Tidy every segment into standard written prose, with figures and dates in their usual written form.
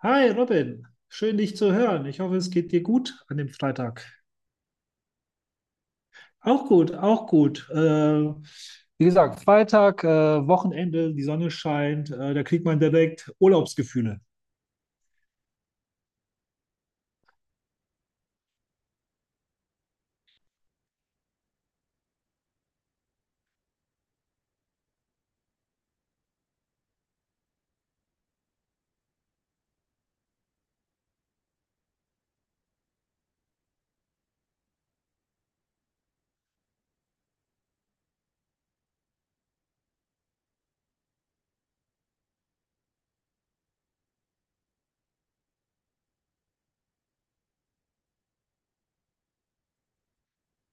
Hi Robin, schön dich zu hören. Ich hoffe, es geht dir gut an dem Freitag. Auch gut, auch gut. Wie gesagt, Freitag, Wochenende, die Sonne scheint, da kriegt man direkt Urlaubsgefühle.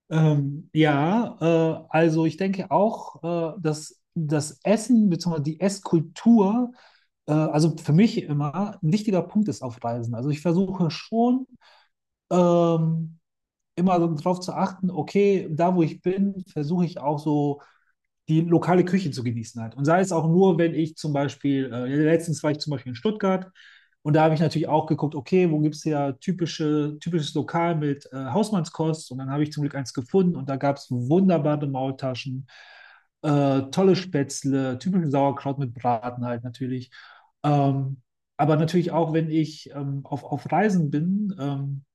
Ja, also ich denke auch, dass das Essen bzw. die Esskultur, also für mich immer ein wichtiger Punkt ist auf Reisen. Also ich versuche schon, ähm, immer darauf zu achten. Okay, da wo ich bin, versuche ich auch so die lokale Küche zu genießen halt. Und sei es auch nur, wenn ich zum Beispiel, ja, letztens war ich zum Beispiel in Stuttgart und da habe ich natürlich auch geguckt, okay, wo gibt es ja typisches Lokal mit Hausmannskost, und dann habe ich zum Glück eins gefunden und da gab es wunderbare Maultaschen, tolle Spätzle, typischen Sauerkraut mit Braten halt natürlich. Ähm, aber natürlich auch, wenn ich auf Reisen bin,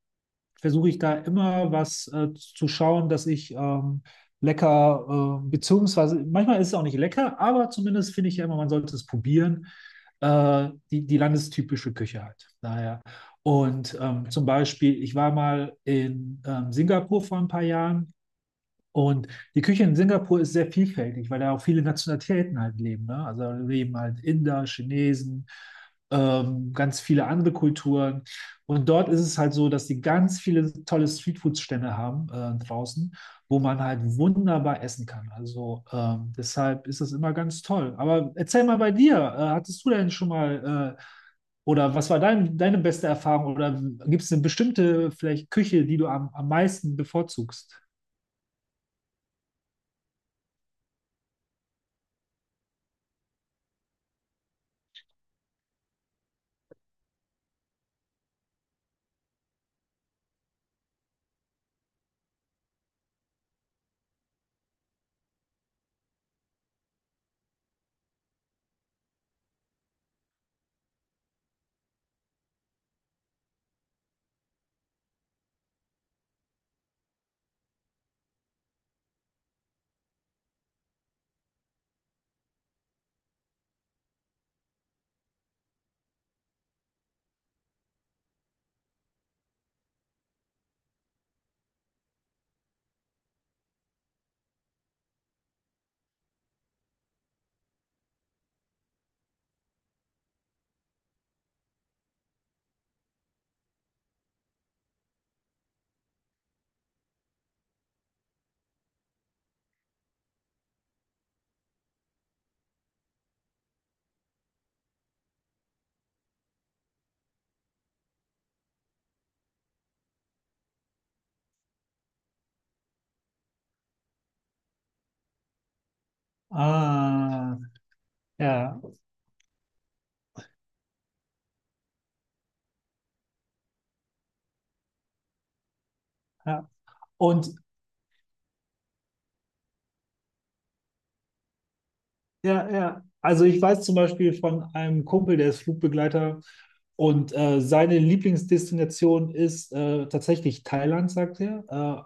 versuche ich da immer was zu schauen, dass ich lecker, beziehungsweise manchmal ist es auch nicht lecker, aber zumindest finde ich ja immer, man sollte es probieren, die landestypische Küche halt. Daher. Und zum Beispiel, ich war mal in Singapur vor ein paar Jahren, und die Küche in Singapur ist sehr vielfältig, weil da auch viele Nationalitäten halt leben. Ne? Also da leben halt Inder, Chinesen, ganz viele andere Kulturen. Und dort ist es halt so, dass die ganz viele tolle Streetfood-Stände haben, draußen, wo man halt wunderbar essen kann. Also deshalb ist das immer ganz toll. Aber erzähl mal bei dir, hattest du denn schon mal oder was war dein, deine beste Erfahrung, oder gibt es eine bestimmte vielleicht Küche, die du am meisten bevorzugst? Ah, ja, ja. Und ja, ja. Also ich weiß zum Beispiel von einem Kumpel, der ist Flugbegleiter, und seine Lieblingsdestination ist tatsächlich Thailand, sagt er.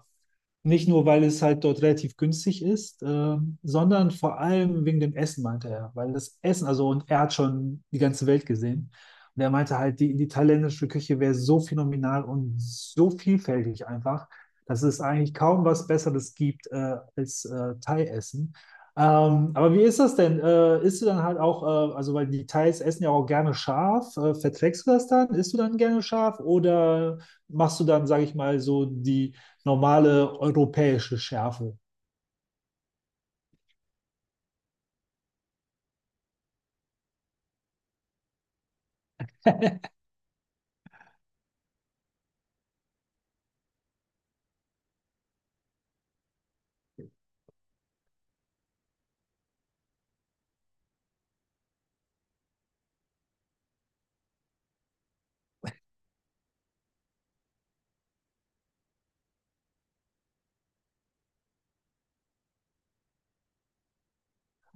Nicht nur, weil es halt dort relativ günstig ist, sondern vor allem wegen dem Essen, meinte er. Weil das Essen, also, und er hat schon die ganze Welt gesehen. Und er meinte halt, die thailändische Küche wäre so phänomenal und so vielfältig einfach, dass es eigentlich kaum was Besseres gibt als Thai-Essen. Aber wie ist das denn? Isst du dann halt auch, also, weil die Thais essen ja auch gerne scharf. Verträgst du das dann? Isst du dann gerne scharf? Oder machst du dann, sage ich mal, so die normale europäische Schärfe?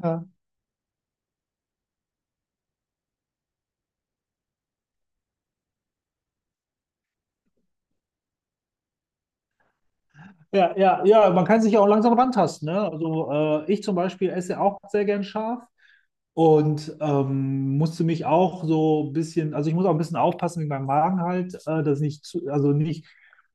Ja. Ja, ja, ja, man kann sich ja auch langsam rantasten, ne? Also ich zum Beispiel esse auch sehr gern scharf und musste mich auch so ein bisschen, also ich muss auch ein bisschen aufpassen mit meinem Magen halt, dass nicht zu, also nicht,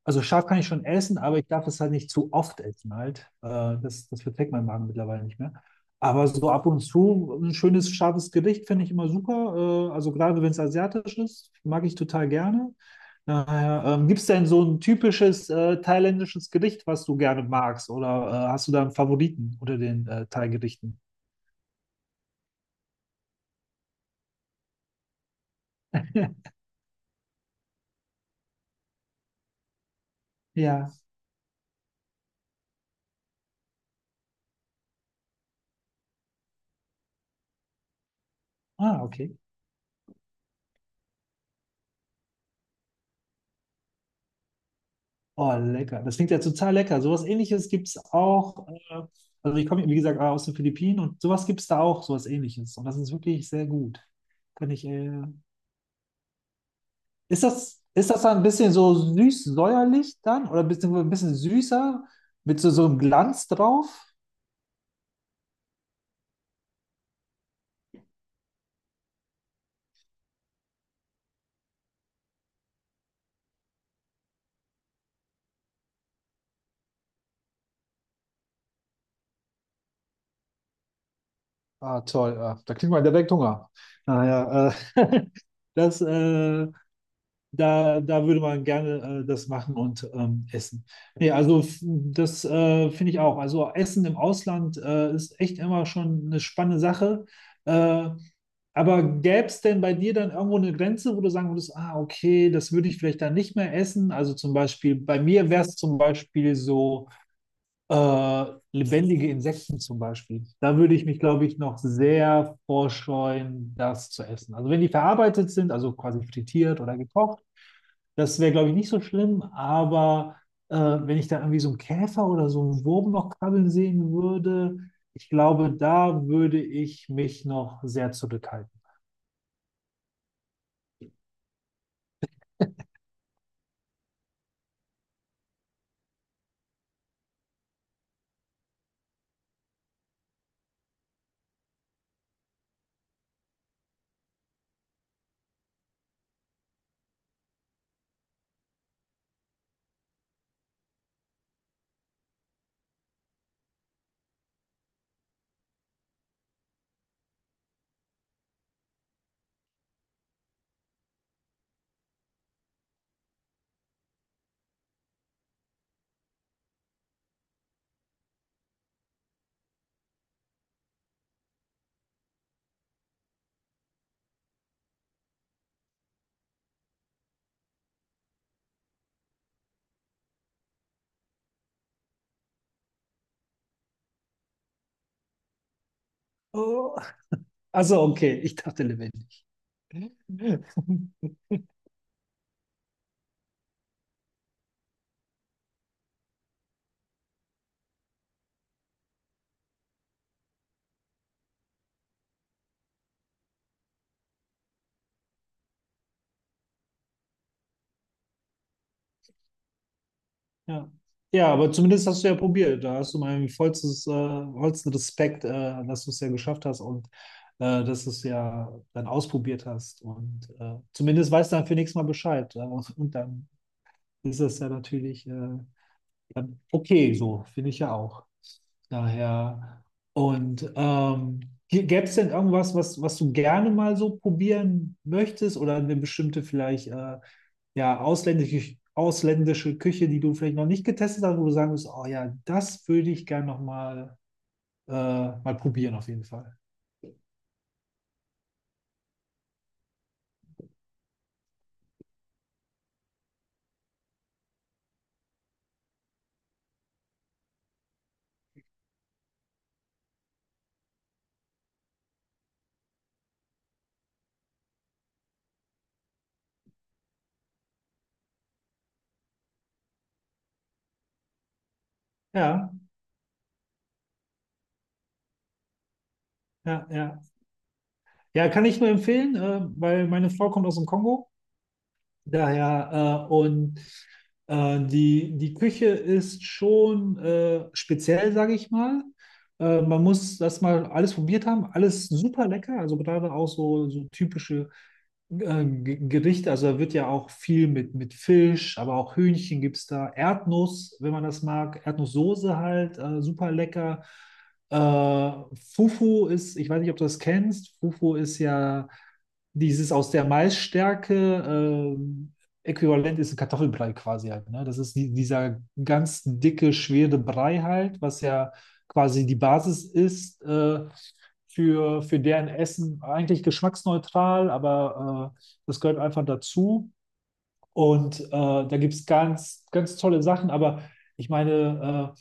also scharf kann ich schon essen, aber ich darf es halt nicht zu oft essen halt. Das verträgt mein Magen mittlerweile nicht mehr. Aber so ab und zu ein schönes, scharfes Gericht finde ich immer super. Also gerade wenn es asiatisch ist, mag ich total gerne. Ja, ja. Gibt es denn so ein typisches thailändisches Gericht, was du gerne magst? Oder hast du da einen Favoriten unter den Thai-Gerichten? Ja. Ah, okay. Oh, lecker. Das klingt ja total lecker. Sowas Ähnliches gibt es auch. Also ich komme, wie gesagt, aus den Philippinen, und sowas gibt es da auch, sowas Ähnliches. Und das ist wirklich sehr gut. Kann ich, ist das dann ein bisschen so süß-säuerlich dann? Oder ein bisschen süßer? Mit so, so einem Glanz drauf? Ah, toll. Ah, da kriegt man direkt Hunger. Naja, äh, das, da würde man gerne das machen und essen. Nee, also das finde ich auch. Also Essen im Ausland ist echt immer schon eine spannende Sache. Äh, aber gäbe es denn bei dir dann irgendwo eine Grenze, wo du sagen würdest, ah, okay, das würde ich vielleicht dann nicht mehr essen? Also zum Beispiel, bei mir wäre es zum Beispiel so. Äh, lebendige Insekten zum Beispiel. Da würde ich mich, glaube ich, noch sehr vorscheuen, das zu essen. Also wenn die verarbeitet sind, also quasi frittiert oder gekocht, das wäre, glaube ich, nicht so schlimm. Aber wenn ich da irgendwie so einen Käfer oder so einen Wurm noch krabbeln sehen würde, ich glaube, da würde ich mich noch sehr zurückhalten. Oh, also okay, ich dachte lebendig. Ja. Ja, aber zumindest hast du ja probiert. Da hast du meinen vollstes, vollsten Respekt, dass du es ja geschafft hast und dass du es ja dann ausprobiert hast. Und zumindest weißt du dann für nächstes Mal Bescheid. Und dann ist das ja natürlich dann okay, so finde ich ja auch. Daher. Und gäbe es denn irgendwas, was du gerne mal so probieren möchtest, oder eine bestimmte vielleicht ja, ausländische Küche, die du vielleicht noch nicht getestet hast, wo du sagen musst, oh ja, das würde ich gerne nochmal mal probieren, auf jeden Fall. Ja, ja, ja. Ja, kann ich nur empfehlen, weil meine Frau kommt aus dem Kongo. Daher, und die Küche ist schon speziell, sage ich mal. Man muss das mal alles probiert haben, alles super lecker. Also gerade auch so, so typische Gerichte, also da wird ja auch viel mit Fisch, aber auch Hühnchen gibt es da. Erdnuss, wenn man das mag. Erdnusssoße halt, super lecker. Äh, Fufu ist, ich weiß nicht, ob du das kennst. Fufu ist ja dieses aus der Maisstärke. Äquivalent ist ein Kartoffelbrei quasi halt. Ne? Das ist dieser ganz dicke, schwere Brei halt, was ja quasi die Basis ist. Für deren Essen eigentlich geschmacksneutral, aber das gehört einfach dazu. Und da gibt es ganz, ganz tolle Sachen, aber ich meine,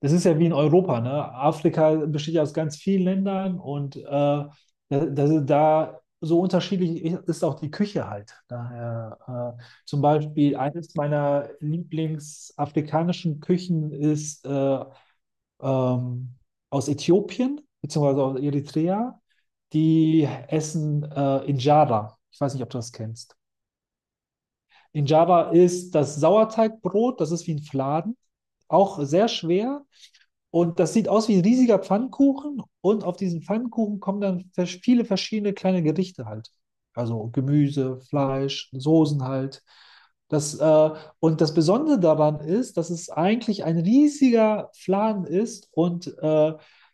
das ist ja wie in Europa, ne? Afrika besteht ja aus ganz vielen Ländern, und da so unterschiedlich ist auch die Küche halt. Daher, zum Beispiel eines meiner Lieblingsafrikanischen Küchen ist ähm, aus Äthiopien, beziehungsweise aus Eritrea. Die essen Injera. Ich weiß nicht, ob du das kennst. In Java ist das Sauerteigbrot, das ist wie ein Fladen, auch sehr schwer. Und das sieht aus wie ein riesiger Pfannkuchen. Und auf diesen Pfannkuchen kommen dann viele verschiedene kleine Gerichte halt. Also Gemüse, Fleisch, Soßen halt. Das, äh, und das Besondere daran ist, dass es eigentlich ein riesiger Fladen ist, und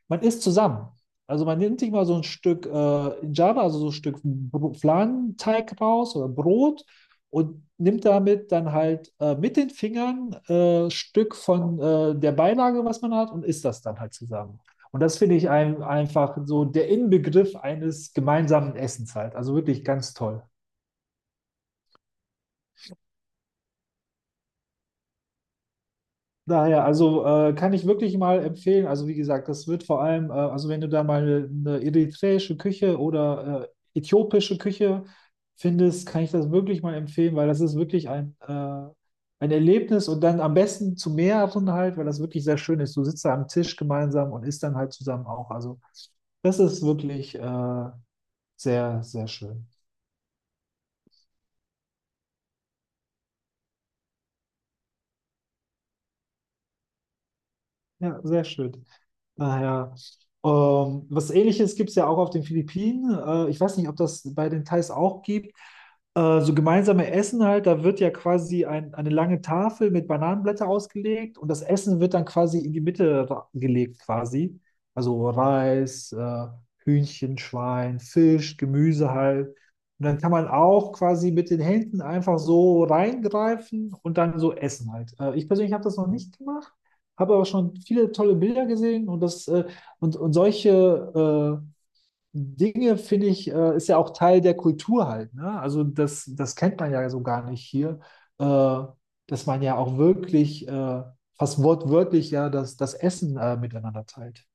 man isst zusammen. Also man nimmt sich mal so ein Stück in Java, also so ein Stück Fladenteig raus oder Brot und nimmt damit dann halt mit den Fingern Stück von der Beilage, was man hat, und isst das dann halt zusammen. Und das finde ich einfach so der Inbegriff eines gemeinsamen Essens halt. Also wirklich ganz toll. Daher, also kann ich wirklich mal empfehlen. Also wie gesagt, das wird vor allem, also wenn du da mal eine eritreische Küche oder äthiopische Küche findest, kann ich das wirklich mal empfehlen, weil das ist wirklich ein Erlebnis, und dann am besten zu mehreren halt, weil das wirklich sehr schön ist. Du sitzt da am Tisch gemeinsam und isst dann halt zusammen auch. Also das ist wirklich sehr, sehr schön. Ja, sehr schön. Naja, was Ähnliches gibt es ja auch auf den Philippinen. Ich weiß nicht, ob das bei den Thais auch gibt. So gemeinsame Essen halt, da wird ja quasi eine lange Tafel mit Bananenblätter ausgelegt und das Essen wird dann quasi in die Mitte gelegt quasi. Also Reis, Hühnchen, Schwein, Fisch, Gemüse halt. Und dann kann man auch quasi mit den Händen einfach so reingreifen und dann so essen halt. Ich persönlich habe das noch nicht gemacht, habe aber schon viele tolle Bilder gesehen, und das und solche Dinge finde ich, ist ja auch Teil der Kultur halt. Ne? Also das kennt man ja so gar nicht hier, äh, dass man ja auch wirklich fast wortwörtlich ja das Essen miteinander teilt.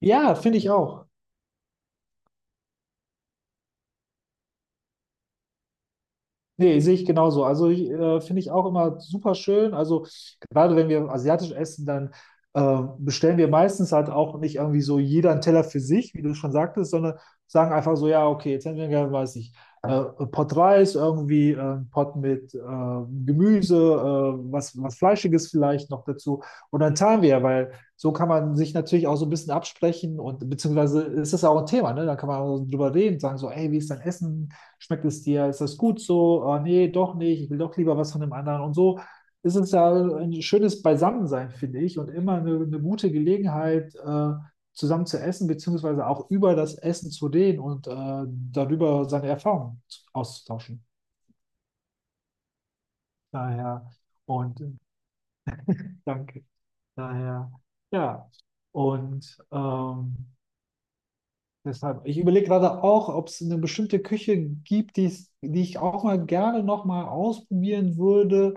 Ja, finde ich auch. Nee, sehe ich genauso. Also ich, finde ich auch immer super schön. Also gerade wenn wir asiatisch essen, dann bestellen wir meistens halt auch nicht irgendwie so jeder einen Teller für sich, wie du schon sagtest, sondern sagen einfach so, ja, okay, jetzt hätten wir gerne, weiß ich, äh, Pot Reis, irgendwie einen Pot mit Gemüse, was Fleischiges vielleicht noch dazu. Und dann teilen wir, ja, weil so kann man sich natürlich auch so ein bisschen absprechen, und beziehungsweise ist das ja auch ein Thema, ne? Dann kann man auch drüber reden, sagen so, ey, wie ist dein Essen? Schmeckt es dir? Ist das gut so? Oh, nee, doch nicht. Ich will doch lieber was von dem anderen. Und so ist es ja ein schönes Beisammensein, finde ich, und immer eine gute Gelegenheit, zusammen zu essen, beziehungsweise auch über das Essen zu reden und darüber seine Erfahrungen auszutauschen. Daher. Und danke. Daher, ja. Und deshalb, ich überlege gerade auch, ob es eine bestimmte Küche gibt, die ich auch mal gerne nochmal ausprobieren würde.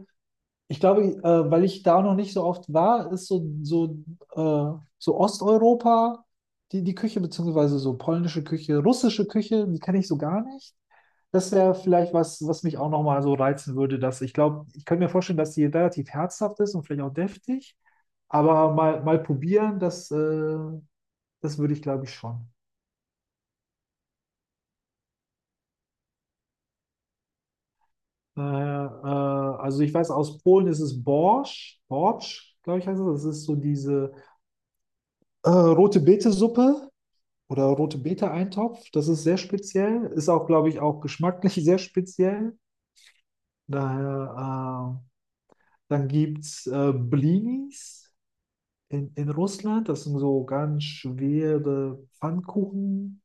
Ich glaube, weil ich da noch nicht so oft war, ist so Osteuropa die Küche, beziehungsweise so polnische Küche, russische Küche, die kenne ich so gar nicht. Das wäre vielleicht was, was mich auch nochmal so reizen würde. Dass ich glaube, ich könnte mir vorstellen, dass die relativ herzhaft ist und vielleicht auch deftig, aber mal probieren, das, das würde ich, glaube ich, schon. Also ich weiß, aus Polen ist es Borsch, glaube ich heißt es. Das ist so diese rote Beete-Suppe. Oder rote Bete-Eintopf, das ist sehr speziell, ist auch, glaube ich, auch geschmacklich sehr speziell. Daher, dann gibt es Blinis in Russland, das sind so ganz schwere Pfannkuchen,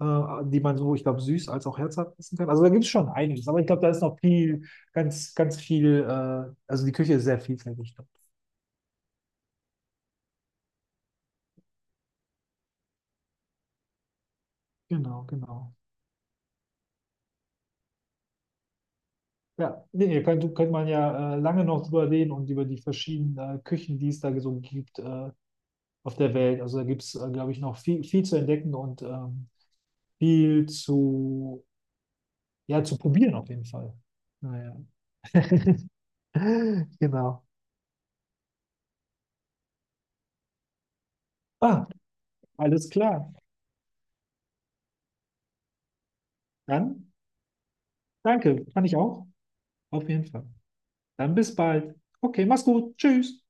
äh, die man so, ich glaube, süß als auch herzhaft essen kann. Also da gibt es schon einiges, aber ich glaube, da ist noch viel, ganz, ganz viel, also die Küche ist sehr vielfältig dort. Genau, genau. Ja, nee, nee, könnte man ja lange noch drüber reden und über die verschiedenen Küchen, die es da so gibt, auf der Welt. Also da gibt es, glaube ich, noch viel, viel zu entdecken und viel zu, ja, zu probieren auf jeden Fall. Naja. Genau. Ah, alles klar. Dann danke, kann ich auch. Auf jeden Fall. Dann bis bald. Okay, mach's gut. Tschüss.